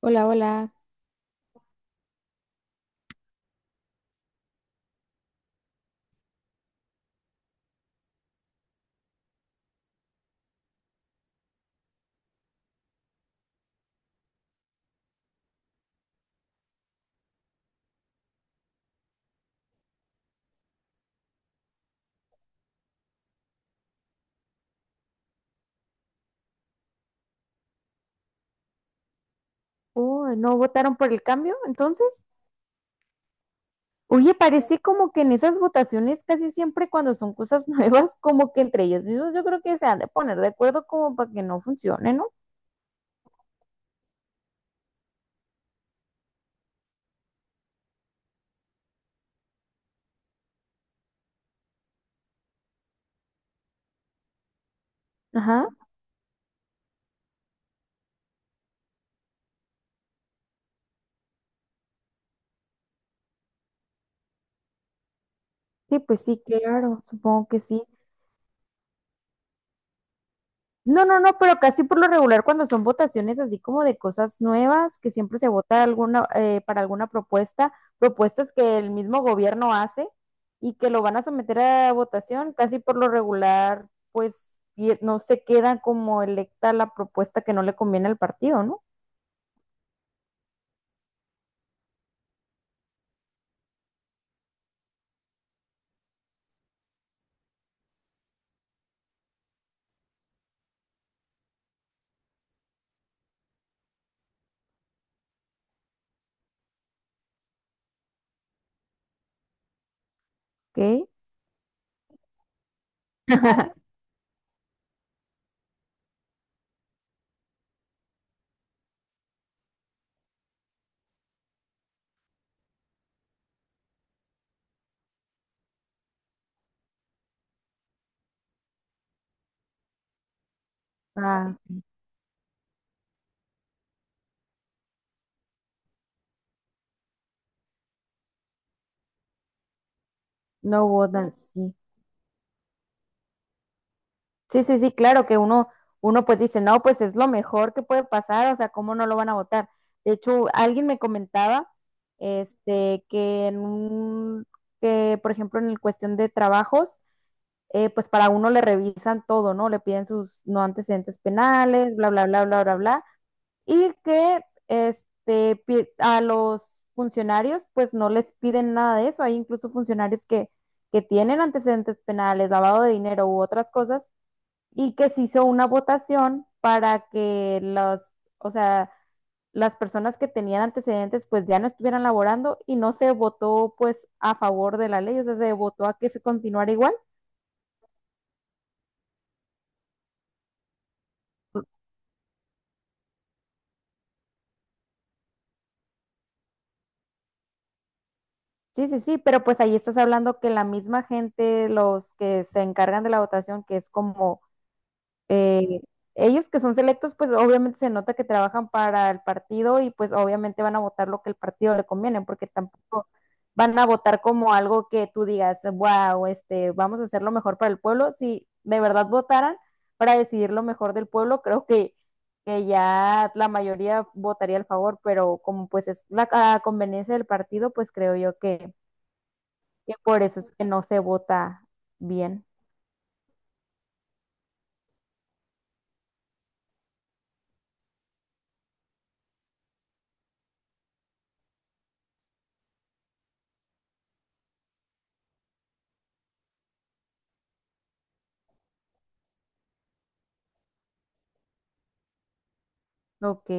Hola, hola. Oh, ¿no votaron por el cambio entonces? Oye, parece como que en esas votaciones casi siempre cuando son cosas nuevas, como que entre ellos mismos yo creo que se han de poner de acuerdo como para que no funcione, ¿no? Ajá. Sí, pues sí, claro, supongo que sí. No, no, no, pero casi por lo regular cuando son votaciones así como de cosas nuevas, que siempre se vota alguna, para alguna propuesta, propuestas que el mismo gobierno hace y que lo van a someter a votación, casi por lo regular, pues no se queda como electa la propuesta que no le conviene al partido, ¿no? Ok. Ah, no votan, sí. Sí, sí, sí, claro que uno, uno pues dice, no, pues es lo mejor que puede pasar, o sea, ¿cómo no lo van a votar? De hecho, alguien me comentaba, este, que por ejemplo en el cuestión de trabajos, pues para uno le revisan todo, ¿no? Le piden sus no antecedentes penales, bla, bla, bla, bla, bla, bla, y que, este, a los funcionarios, pues no les piden nada de eso, hay incluso funcionarios que tienen antecedentes penales, lavado de dinero u otras cosas y que se hizo una votación para que los, o sea, las personas que tenían antecedentes pues ya no estuvieran laborando y no se votó pues a favor de la ley, o sea, se votó a que se continuara igual. Sí, sí, sí, pero pues ahí estás hablando que la misma gente, los que se encargan de la votación, que es como eh, ellos que son selectos, pues obviamente se nota que trabajan para el partido y pues obviamente van a votar lo que el partido le conviene, porque tampoco van a votar como algo que tú digas, wow, este, vamos a hacer lo mejor para el pueblo. Si de verdad votaran para decidir lo mejor del pueblo, que ya la mayoría votaría al favor, pero como pues es la a conveniencia del partido, pues creo yo que por eso es que no se vota bien. Ok.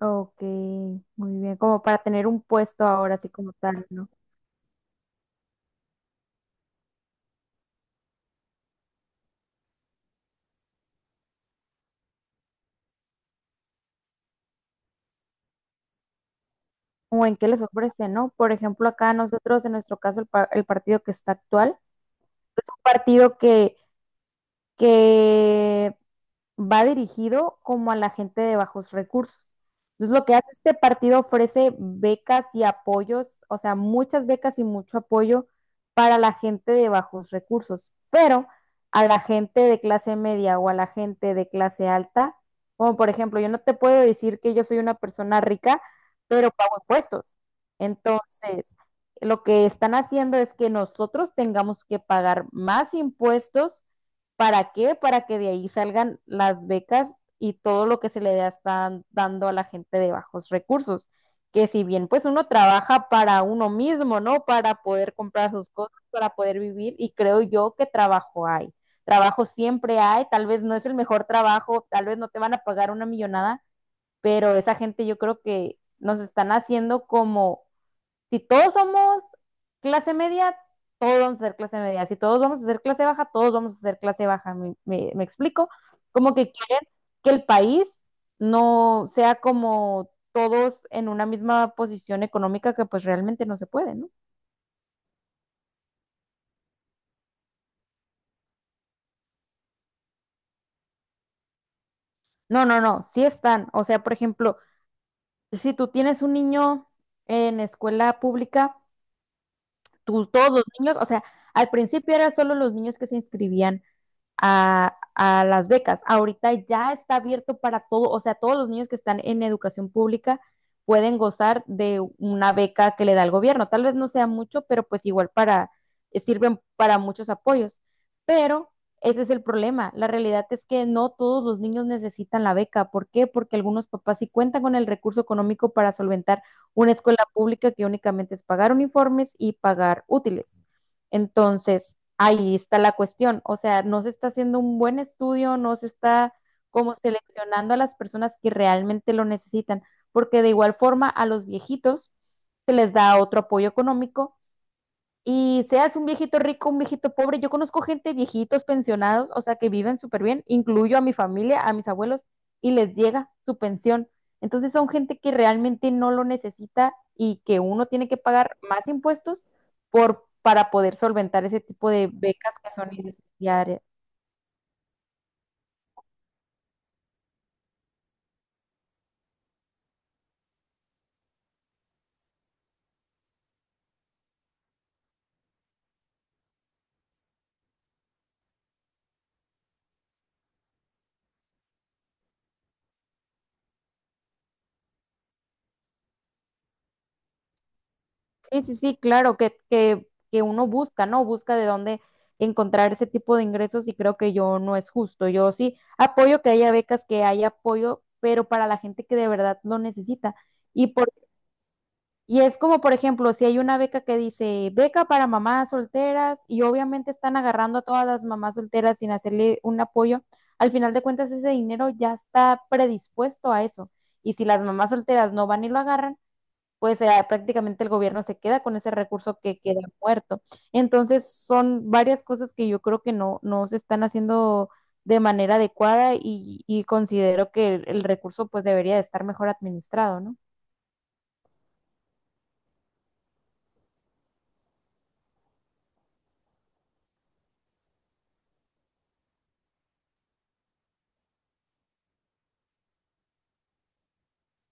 Ok, muy bien, como para tener un puesto ahora, así como tal, ¿no? O en qué les ofrece, ¿no? Por ejemplo, acá nosotros, en nuestro caso, el partido que está actual, es un partido que va dirigido como a la gente de bajos recursos. Entonces, lo que hace este partido ofrece becas y apoyos, o sea, muchas becas y mucho apoyo para la gente de bajos recursos, pero a la gente de clase media o a la gente de clase alta, como por ejemplo, yo no te puedo decir que yo soy una persona rica, pero pago impuestos. Entonces, lo que están haciendo es que nosotros tengamos que pagar más impuestos. ¿Para qué? Para que de ahí salgan las becas y todo lo que se le están dando a la gente de bajos recursos. Que si bien pues uno trabaja para uno mismo, ¿no? Para poder comprar sus cosas, para poder vivir y creo yo que trabajo hay. Trabajo siempre hay, tal vez no es el mejor trabajo, tal vez no te van a pagar una millonada, pero esa gente yo creo que nos están haciendo como si todos somos clase media, todos vamos a ser clase media. Si todos vamos a ser clase baja, todos vamos a ser clase baja. Me explico? Como que quieren que el país no sea como todos en una misma posición económica que pues realmente no se puede, ¿no? No, no, no, sí están. O sea, por ejemplo, si tú tienes un niño en escuela pública, tú, todos los niños, o sea, al principio eran solo los niños que se inscribían a las becas. Ahorita ya está abierto para todo, o sea, todos los niños que están en educación pública pueden gozar de una beca que le da el gobierno. Tal vez no sea mucho, pero pues igual para, sirven para muchos apoyos. Pero ese es el problema. La realidad es que no todos los niños necesitan la beca. ¿Por qué? Porque algunos papás sí cuentan con el recurso económico para solventar una escuela pública que únicamente es pagar uniformes y pagar útiles. Entonces, ahí está la cuestión. O sea, no se está haciendo un buen estudio, no se está como seleccionando a las personas que realmente lo necesitan, porque de igual forma a los viejitos se les da otro apoyo económico y seas un viejito rico, un viejito pobre, yo conozco gente, viejitos, pensionados, o sea, que viven súper bien, incluyo a mi familia, a mis abuelos, y les llega su pensión. Entonces son gente que realmente no lo necesita y que uno tiene que pagar más impuestos para poder solventar ese tipo de becas que son innecesarias. Sí, sí, sí, claro, que uno busca, ¿no? Busca de dónde encontrar ese tipo de ingresos y creo que yo no es justo. Yo sí apoyo que haya becas, que haya apoyo, pero para la gente que de verdad lo necesita. Y, por, y es como, por ejemplo, si hay una beca que dice beca para mamás solteras y obviamente están agarrando a todas las mamás solteras sin hacerle un apoyo, al final de cuentas ese dinero ya está predispuesto a eso. Y si las mamás solteras no van y lo agarran, pues prácticamente el gobierno se queda con ese recurso que queda muerto. Entonces son varias cosas que yo creo que no, no se están haciendo de manera adecuada y considero que el recurso pues debería de estar mejor administrado, ¿no?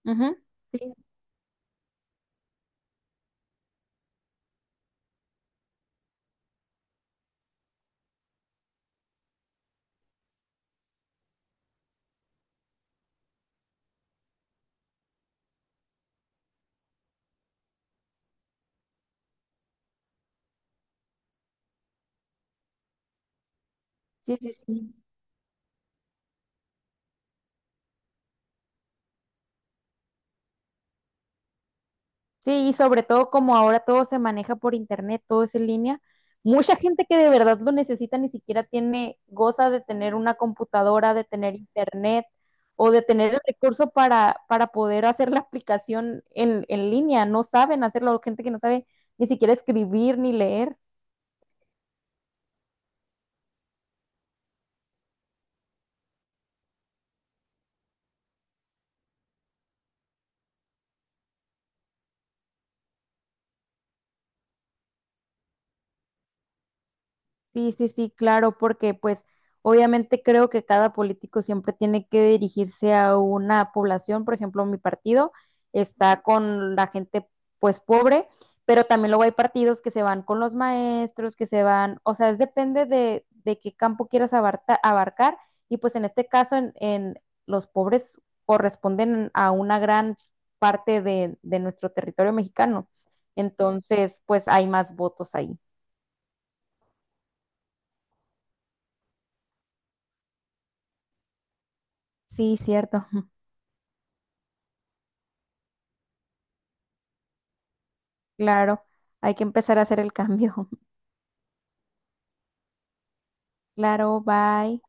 Ujú. Sí, sí, sí, sí. Sí, y sobre todo como ahora todo se maneja por internet, todo es en línea, mucha gente que de verdad lo necesita ni siquiera tiene, goza de tener una computadora, de tener internet o de tener el recurso para poder hacer la aplicación en línea. No saben hacerlo, gente que no sabe ni siquiera escribir ni leer. Sí, sí, sí, claro, porque pues obviamente creo que cada político siempre tiene que dirigirse a una población, por ejemplo, mi partido está con la gente pues pobre, pero también luego hay partidos que se van con los maestros, que se van, o sea, es depende de qué campo quieras abarcar y pues en este caso en los pobres corresponden a una gran parte de nuestro territorio mexicano, entonces pues hay más votos ahí. Sí, cierto. Claro, hay que empezar a hacer el cambio. Claro, bye.